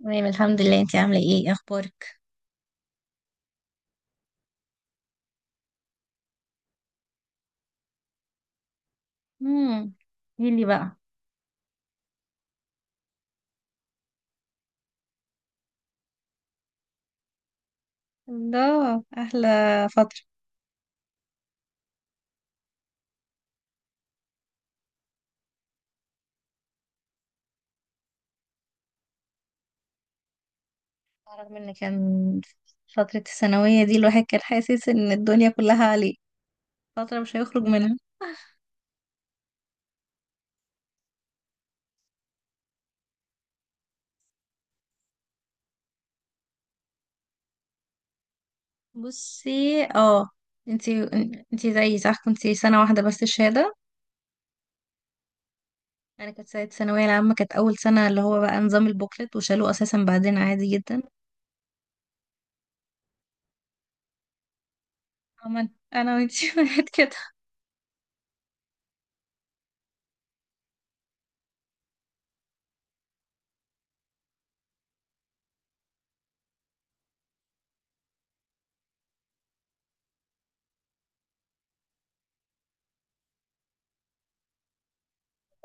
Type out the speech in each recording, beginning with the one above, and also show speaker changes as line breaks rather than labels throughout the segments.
تمام الحمد لله. انتي عاملة ايه؟ اخبارك؟ امم. قولي بقى. الله، احلى فترة. رغم ان كان فترة الثانوية دي الواحد كان حاسس ان الدنيا كلها عليه، فترة مش هيخرج منها. بصي، اه. انتي انتي زيي صح؟ كنتي سنة واحدة بس الشهادة؟ انا كانت سنة الثانوية العامة، كانت اول سنة اللي هو بقى نظام البوكلت وشالوه اساسا بعدين، عادي جدا. عمل، انا وانتي واحد كده.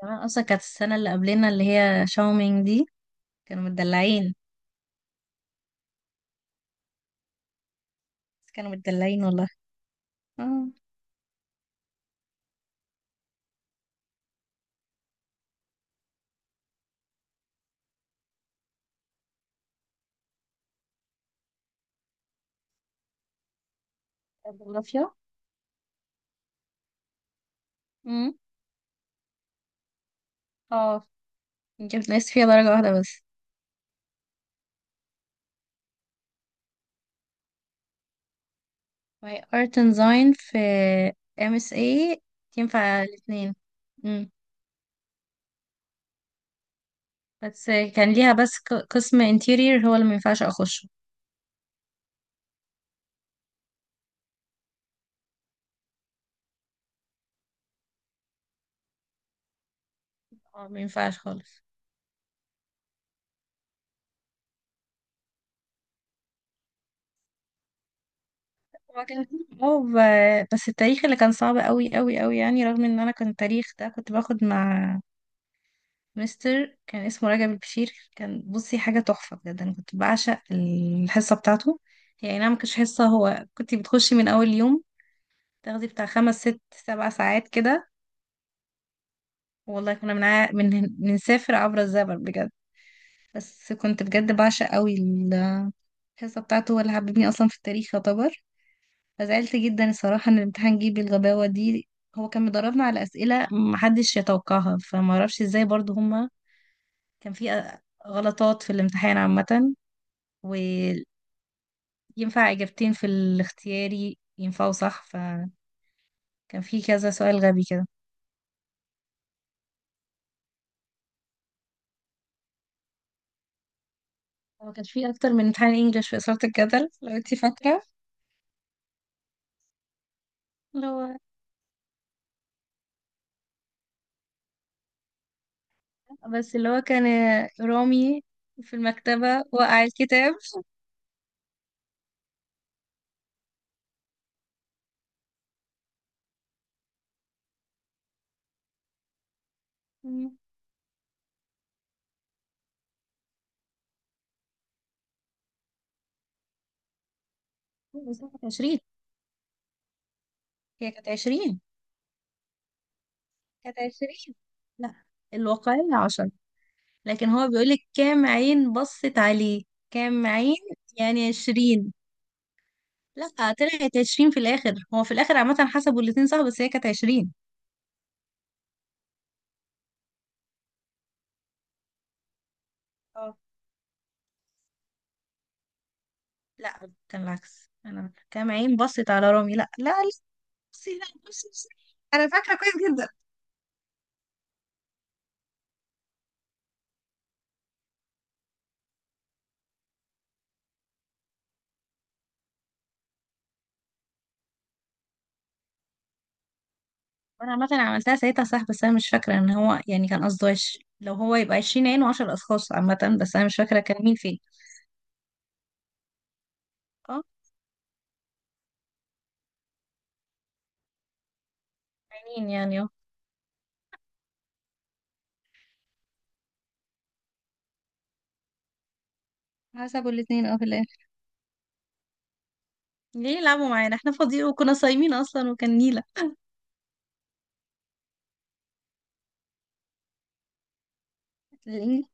كمان اصلا كانت السنة اللي قبلنا اللي هي شاومينج دي كانوا مدلعين. بس كانوا متدلعين والله. اه، الجغرافيا. امم. اه، جبت ناقص فيها درجة واحدة بس. my art and design في MSA تنفع الاتنين. امم. بس كان ليها بس قسم interior هو اللي مينفعش اخشه. اه مينفعش خالص. هو كان، اه، بس التاريخ اللي كان صعب قوي قوي قوي يعني. رغم ان انا كان التاريخ ده كنت باخد مع مستر كان اسمه رجب البشير. كان، بصي، حاجة تحفة بجد. أنا كنت بعشق الحصة بتاعته. هي أي نعم مكانتش حصة، هو كنت بتخشي من أول يوم تاخدي بتاع خمس ست سبع ساعات كده. والله كنا بنسافر عبر الزمن بجد. بس كنت بجد بعشق قوي الحصة بتاعته. هو اللي حببني أصلا في التاريخ يعتبر. فزعلت جدا الصراحة إن الامتحان جه بالغباوة دي. هو كان مدربنا على أسئلة محدش يتوقعها، فمعرفش ازاي برضو هما. كان في غلطات في الامتحان عامة. ينفع إجابتين في الاختياري ينفعوا صح، فكان في كذا سؤال غبي كده. هو كان في أكتر من امتحان إنجليش في إثارة الجدل لو أنتي فاكرة. اللي هو، بس اللي هو كان رامي في المكتبة وقع الكتاب. مم. بس كانت عشرين. هي كانت عشرين. كانت عشرين. لا، الواقعية عشر. لكن هو بيقولك كام عين بصت عليه. كام عين، يعني عشرين. لا، طلعت عشرين في الآخر. هو في الآخر عامة حسبوا الاتنين صح، بس هي كانت عشرين. لا كان العكس، انا كام عين بصت على رامي. لا لا لا. بصي، لا بصي بصي. انا فاكره كويس جدا. انا عامه عملتها ساعتها صح، بس انا مش فاكره ان هو يعني كان قصده لو هو يبقى 20 عين و10 اشخاص عامه، بس انا مش فاكره كان مين فين. اه، عينين يعني، اه. حسبوا الاثنين اه في الاخر. ليه يلعبوا معانا احنا فاضيين؟ وكنا صايمين اصلا وكان نيله. ليه؟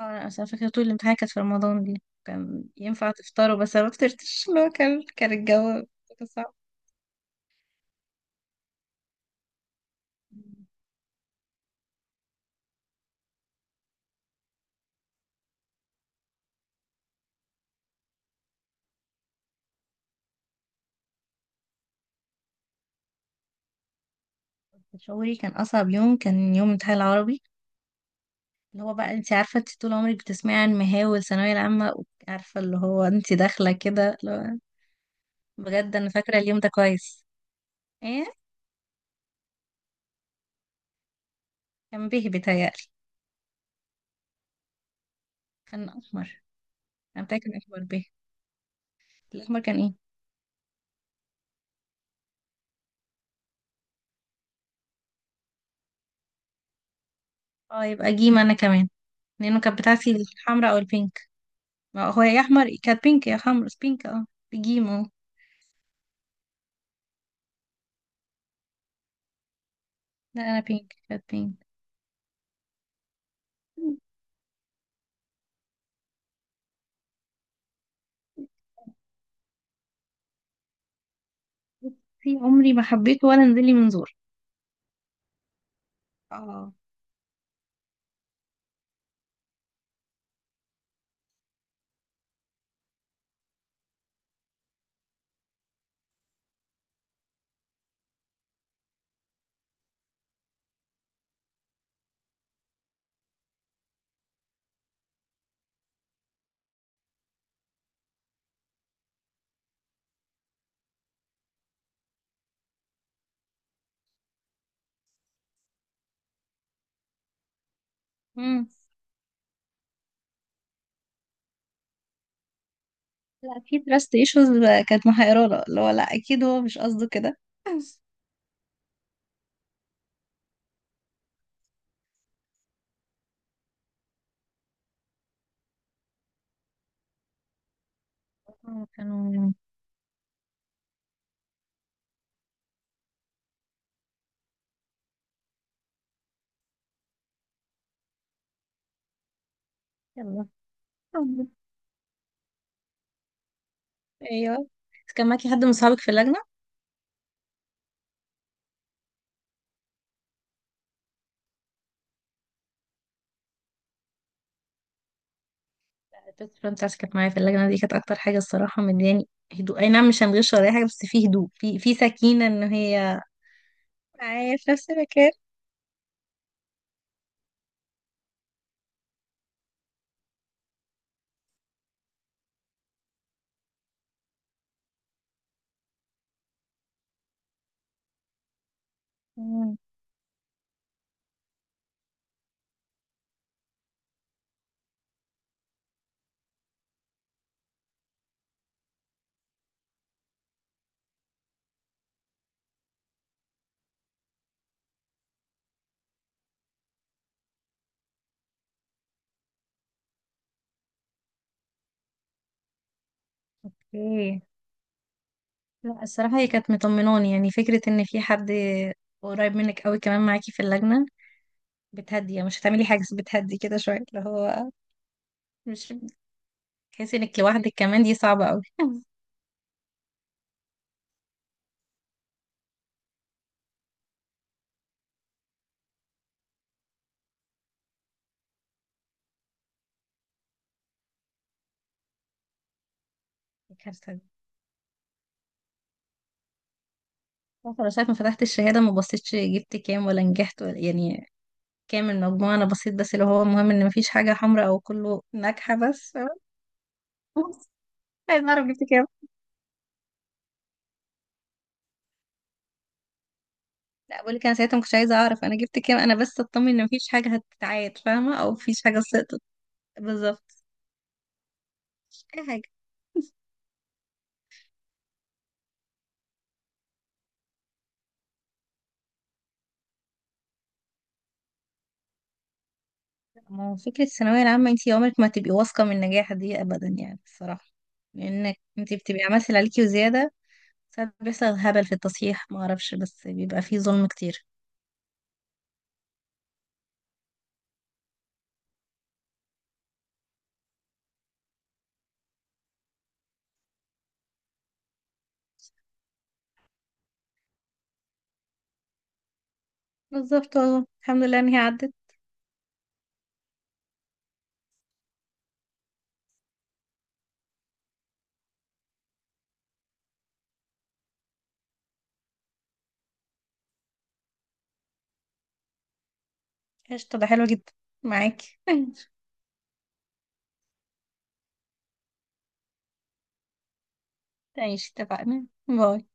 اه، انا أصل أنا فاكره طول الامتحان كانت في رمضان دي كان ينفع تفطروا، بس انا ما فطرتش. اللي هو كان الجو كان صعب. شعوري كان أصعب يوم كان يوم امتحان العربي. اللي هو بقى انت عارفة انت طول عمرك بتسمعي عن مهاول ثانوية العامة، عارفة، اللي هو انت داخلة كده، اللي هو، بجد أنا فاكرة اليوم ده كويس. ايه، كان به بيتهيألي. كان أحمر. أنا متأكدة كان أحمر به. الأحمر كان ايه؟ اه يبقى جيم أنا كمان. لأنه كانت بتاعتي الحمراء أو البينك. ما هو يا أحمر كانت بينك، يا حمرا بينك، اه. بجيم اه. لا أنا بينك، كانت بينك. في عمري ما حبيته ولا نزل لي منظور. اه. لا اكيد تراست ايشوز كانت محيرانا، اللي هو لا اكيد هو مش قصده كده. آه، كانوا. يلا، حب. ايوه. كان معاكي حد من صحابك في اللجنه؟ البيست فريند بتاعتي كانت معايا في اللجنة دي. كانت أكتر حاجة الصراحة مدياني هدوء. أي نعم مش هنغش ولا أي حاجة، بس في هدوء، في سكينة إن هي معايا في نفس المكان. مم. اوكي. لا الصراحة هي كانت مطمناني. يعني فكرة إن في حد قريب منك أوي كمان معاكي في اللجنة، بتهدي، يعني مش هتعملي حاجة بس بتهدي كده شوية. اللي هو مش تحسي انك لوحدك، كمان دي صعبة قوي الكارثة دي. عارفة انا ساعة ما فتحت الشهادة ما بصيتش جبت كام ولا نجحت ولا يعني كام المجموع. انا بصيت بس اللي هو المهم ان مفيش حاجة حمراء او كله ناجحة بس عايز اعرف جبت كام؟ لا بقول لك انا ساعتها ما كنتش عايزة اعرف انا جبت كام. انا بس اطمن ان مفيش حاجة هتتعاد فاهمة، او مفيش حاجة سقطت. بالظبط. مش اي حاجة. ما هو فكرة الثانوية العامة انتي عمرك ما هتبقي واثقة من النجاح دي ابدا يعني الصراحة. لانك انتي بتبقي عملتي اللي عليكي وزيادة. ساعات بيحصل هبل في التصحيح ما اعرفش، بس بيبقى فيه ظلم كتير. بالظبط والله الحمد لله ان هي عدت. قشطة، ده حلو جدا. معاكي ماشي اتفقنا، باي.